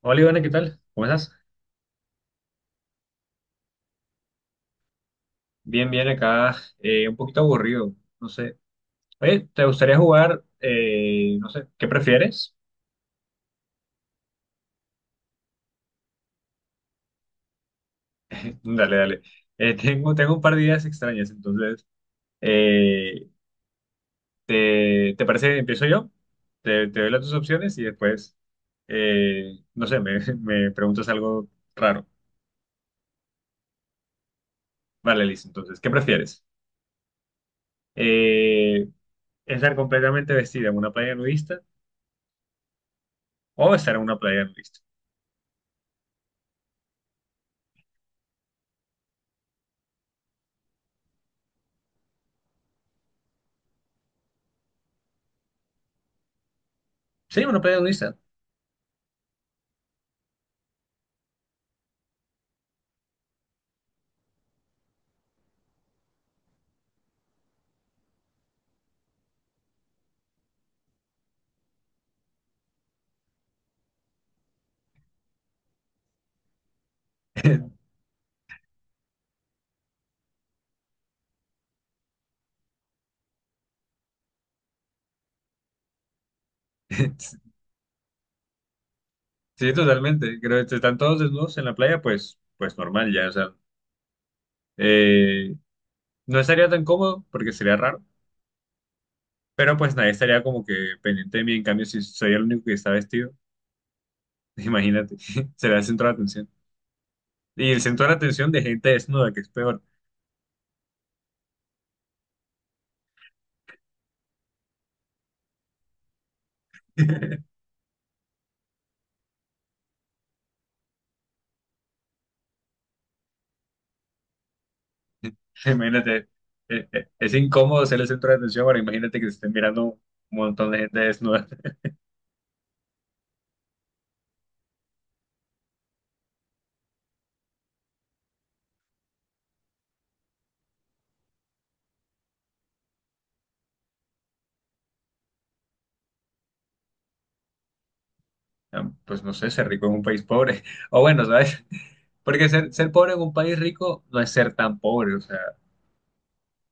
Hola Ivana, ¿qué tal? ¿Cómo estás? Bien, bien, acá un poquito aburrido, no sé. Oye, ¿te gustaría jugar? No sé, ¿qué prefieres? Dale, dale. Tengo un par de ideas extrañas, entonces, eh, ¿te parece? Que empiezo yo, te doy las dos opciones y después, no sé, me preguntas algo raro. Vale, listo. Entonces, ¿qué prefieres? Eh, ¿Estar completamente vestida en una playa nudista o estar en una playa nudista? Sí, una playa nudista. Sí, totalmente. Creo que si están todos desnudos en la playa, pues, pues normal ya. O sea, eh, no estaría tan cómodo porque sería raro, pero pues nadie estaría como que pendiente de mí. En cambio, si soy el único que está vestido, imagínate, será el centro de atención. Y el centro de atención de gente desnuda, que es peor. Imagínate, es incómodo ser el centro de atención, ahora imagínate que te estén mirando un montón de gente desnuda. Ah, pues no sé, ser rico en un país pobre. O bueno, ¿sabes? Porque ser pobre en un país rico no es ser tan pobre, o sea.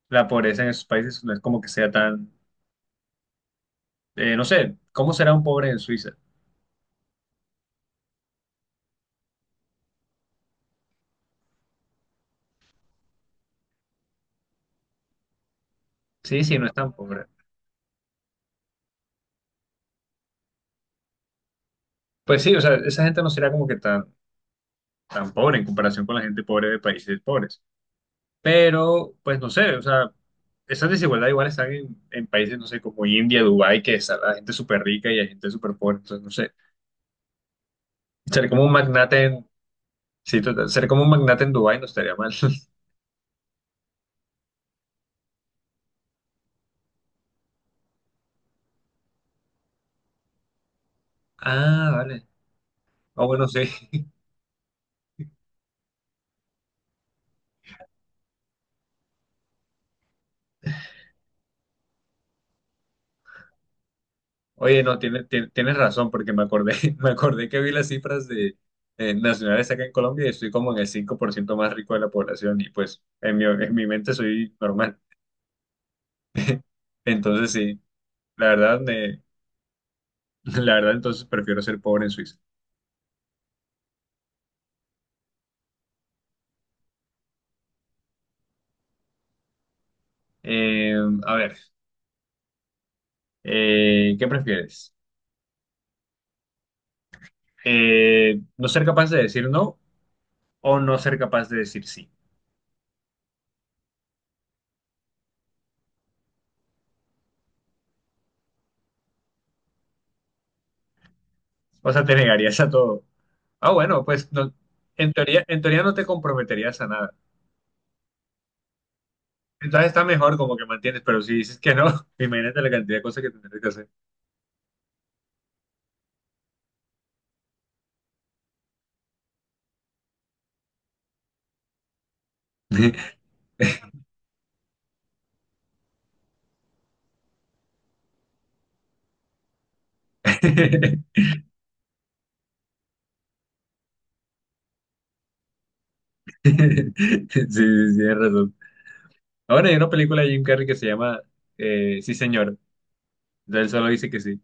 La pobreza en esos países no es como que sea tan, no sé, ¿cómo será un pobre en Suiza? Sí, sí, no es tan pobre. Pues sí, o sea, esa gente no será como que tan, tan pobre en comparación con la gente pobre de países pobres. Pero, pues no sé, o sea, esas desigualdades igual están en países, no sé, como India, Dubái, que está la gente súper rica y hay gente súper pobre. Entonces, no sé, ser como un magnate en, sí, total, ser como un magnate en Dubái no estaría mal. Ah, vale. Ah, bueno, sí. Oye, no, tienes razón, porque me acordé, me acordé que vi las cifras de, nacionales acá en Colombia y estoy como en el 5% más rico de la población y pues en mi mente soy normal. Entonces sí, la verdad, me- la verdad entonces prefiero ser pobre en Suiza. Eh, a ver, ¿qué prefieres? ¿No ser capaz de decir no o no ser capaz de decir sí? O sea, te negarías a todo. Ah, bueno, pues no, en teoría no te comprometerías a nada. Entonces está mejor como que mantienes, pero si dices que no, imagínate la cantidad de cosas que tendrás que hacer. Sí, sí, sí, tienes razón. Ahora hay una película de Jim Carrey que se llama Sí, señor. Entonces él solo dice que sí.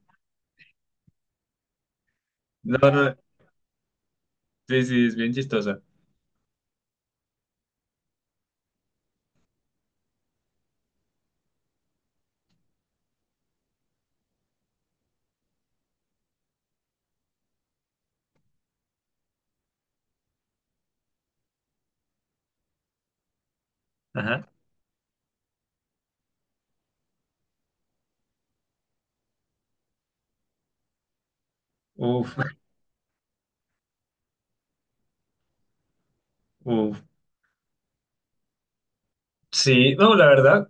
No, no, sí, sí, es bien chistosa. Ajá. Uf, uf. Sí, no, la verdad,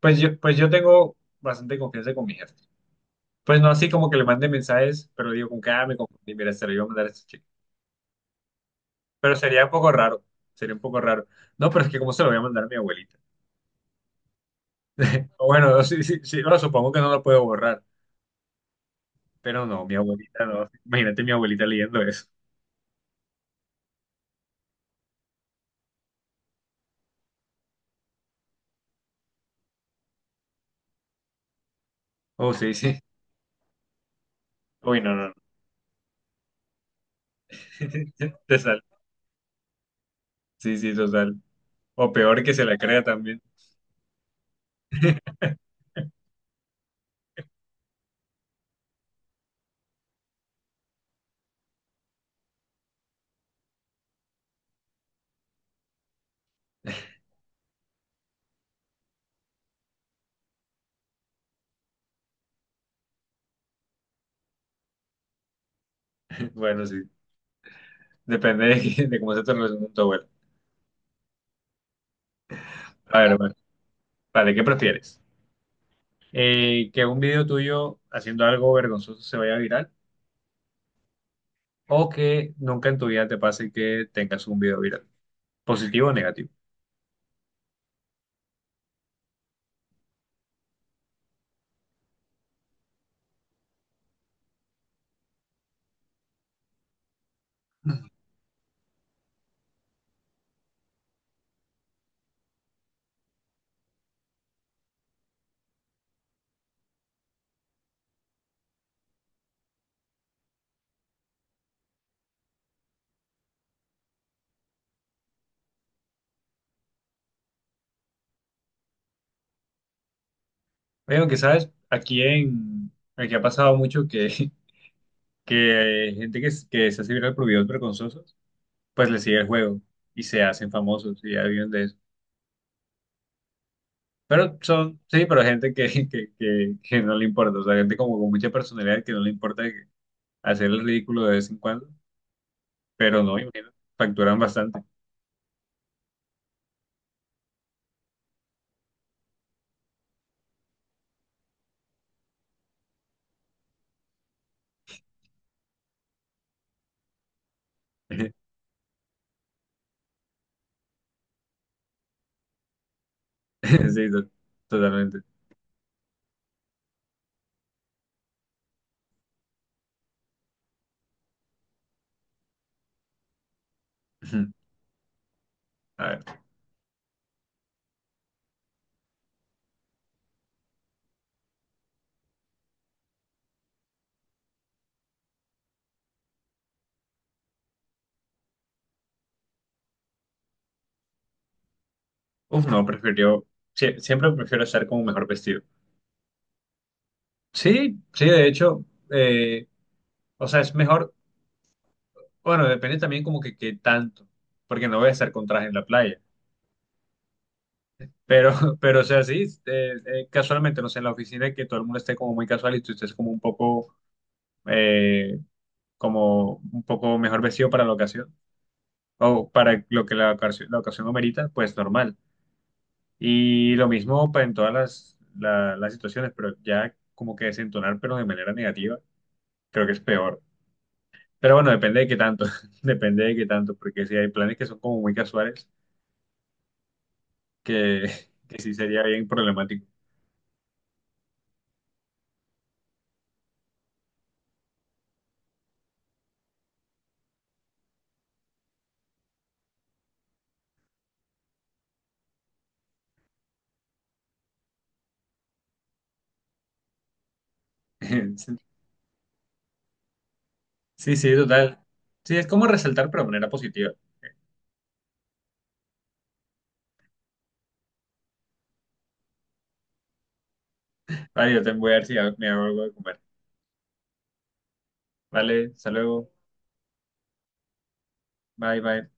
pues yo tengo bastante confianza con mi jefe. Pues no así como que le mande mensajes, pero digo, con cada me confundí, mira, se lo iba a mandar a este chico. Pero sería un poco raro, sería un poco raro. No, pero es que cómo se lo voy a mandar a mi abuelita. Bueno, sí, sí, sí, no, supongo que no lo puedo borrar, pero no, mi abuelita no. Imagínate mi abuelita leyendo eso. Oh, sí, sí. Uy, no, no, no. Te sale. Sí, sí, total. O peor que se la crea también. Bueno, sí. Depende de, de cómo se te relaciona con tu abuela. A ver, vale. Vale, ¿qué prefieres? ¿Que un video tuyo haciendo algo vergonzoso se vaya viral? ¿O que nunca en tu vida te pase que tengas un video viral? ¿Positivo o negativo? Oye, aunque sabes, aquí en... Aquí ha pasado mucho que gente que, que se hace viral por videos vergonzosos, pues le sigue el juego y se hacen famosos y ya viven de eso. Pero son, sí, pero gente que, que no le importa, o sea, gente como con mucha personalidad que no le importa que- hacer el ridículo de vez en cuando, pero no, imagínate, facturan bastante. Sí, totalmente. A ver, uf, no, prefiero, siempre prefiero estar como mejor vestido. Sí, sí, de hecho, eh, o sea, es mejor. Bueno, depende también como que qué tanto, porque no voy a estar con traje en la playa. Pero, pero o sea, sí, casualmente, no sé, en la oficina que todo el mundo esté como muy casual y tú estés eh, como un poco mejor vestido para la ocasión, o para lo que la ocasión lo merita, pues normal. Y lo mismo pues, en todas las situaciones, pero ya como que desentonar, pero de manera negativa, creo que es peor. Pero bueno, depende de qué tanto, depende de qué tanto, porque si hay planes que son como muy casuales que, que sí sería bien problemático. Sí, sí, total. Sí, es como resaltar, pero de manera positiva. Vale, yo te voy a ver si me hago algo de comer. Vale, hasta luego. Bye, bye.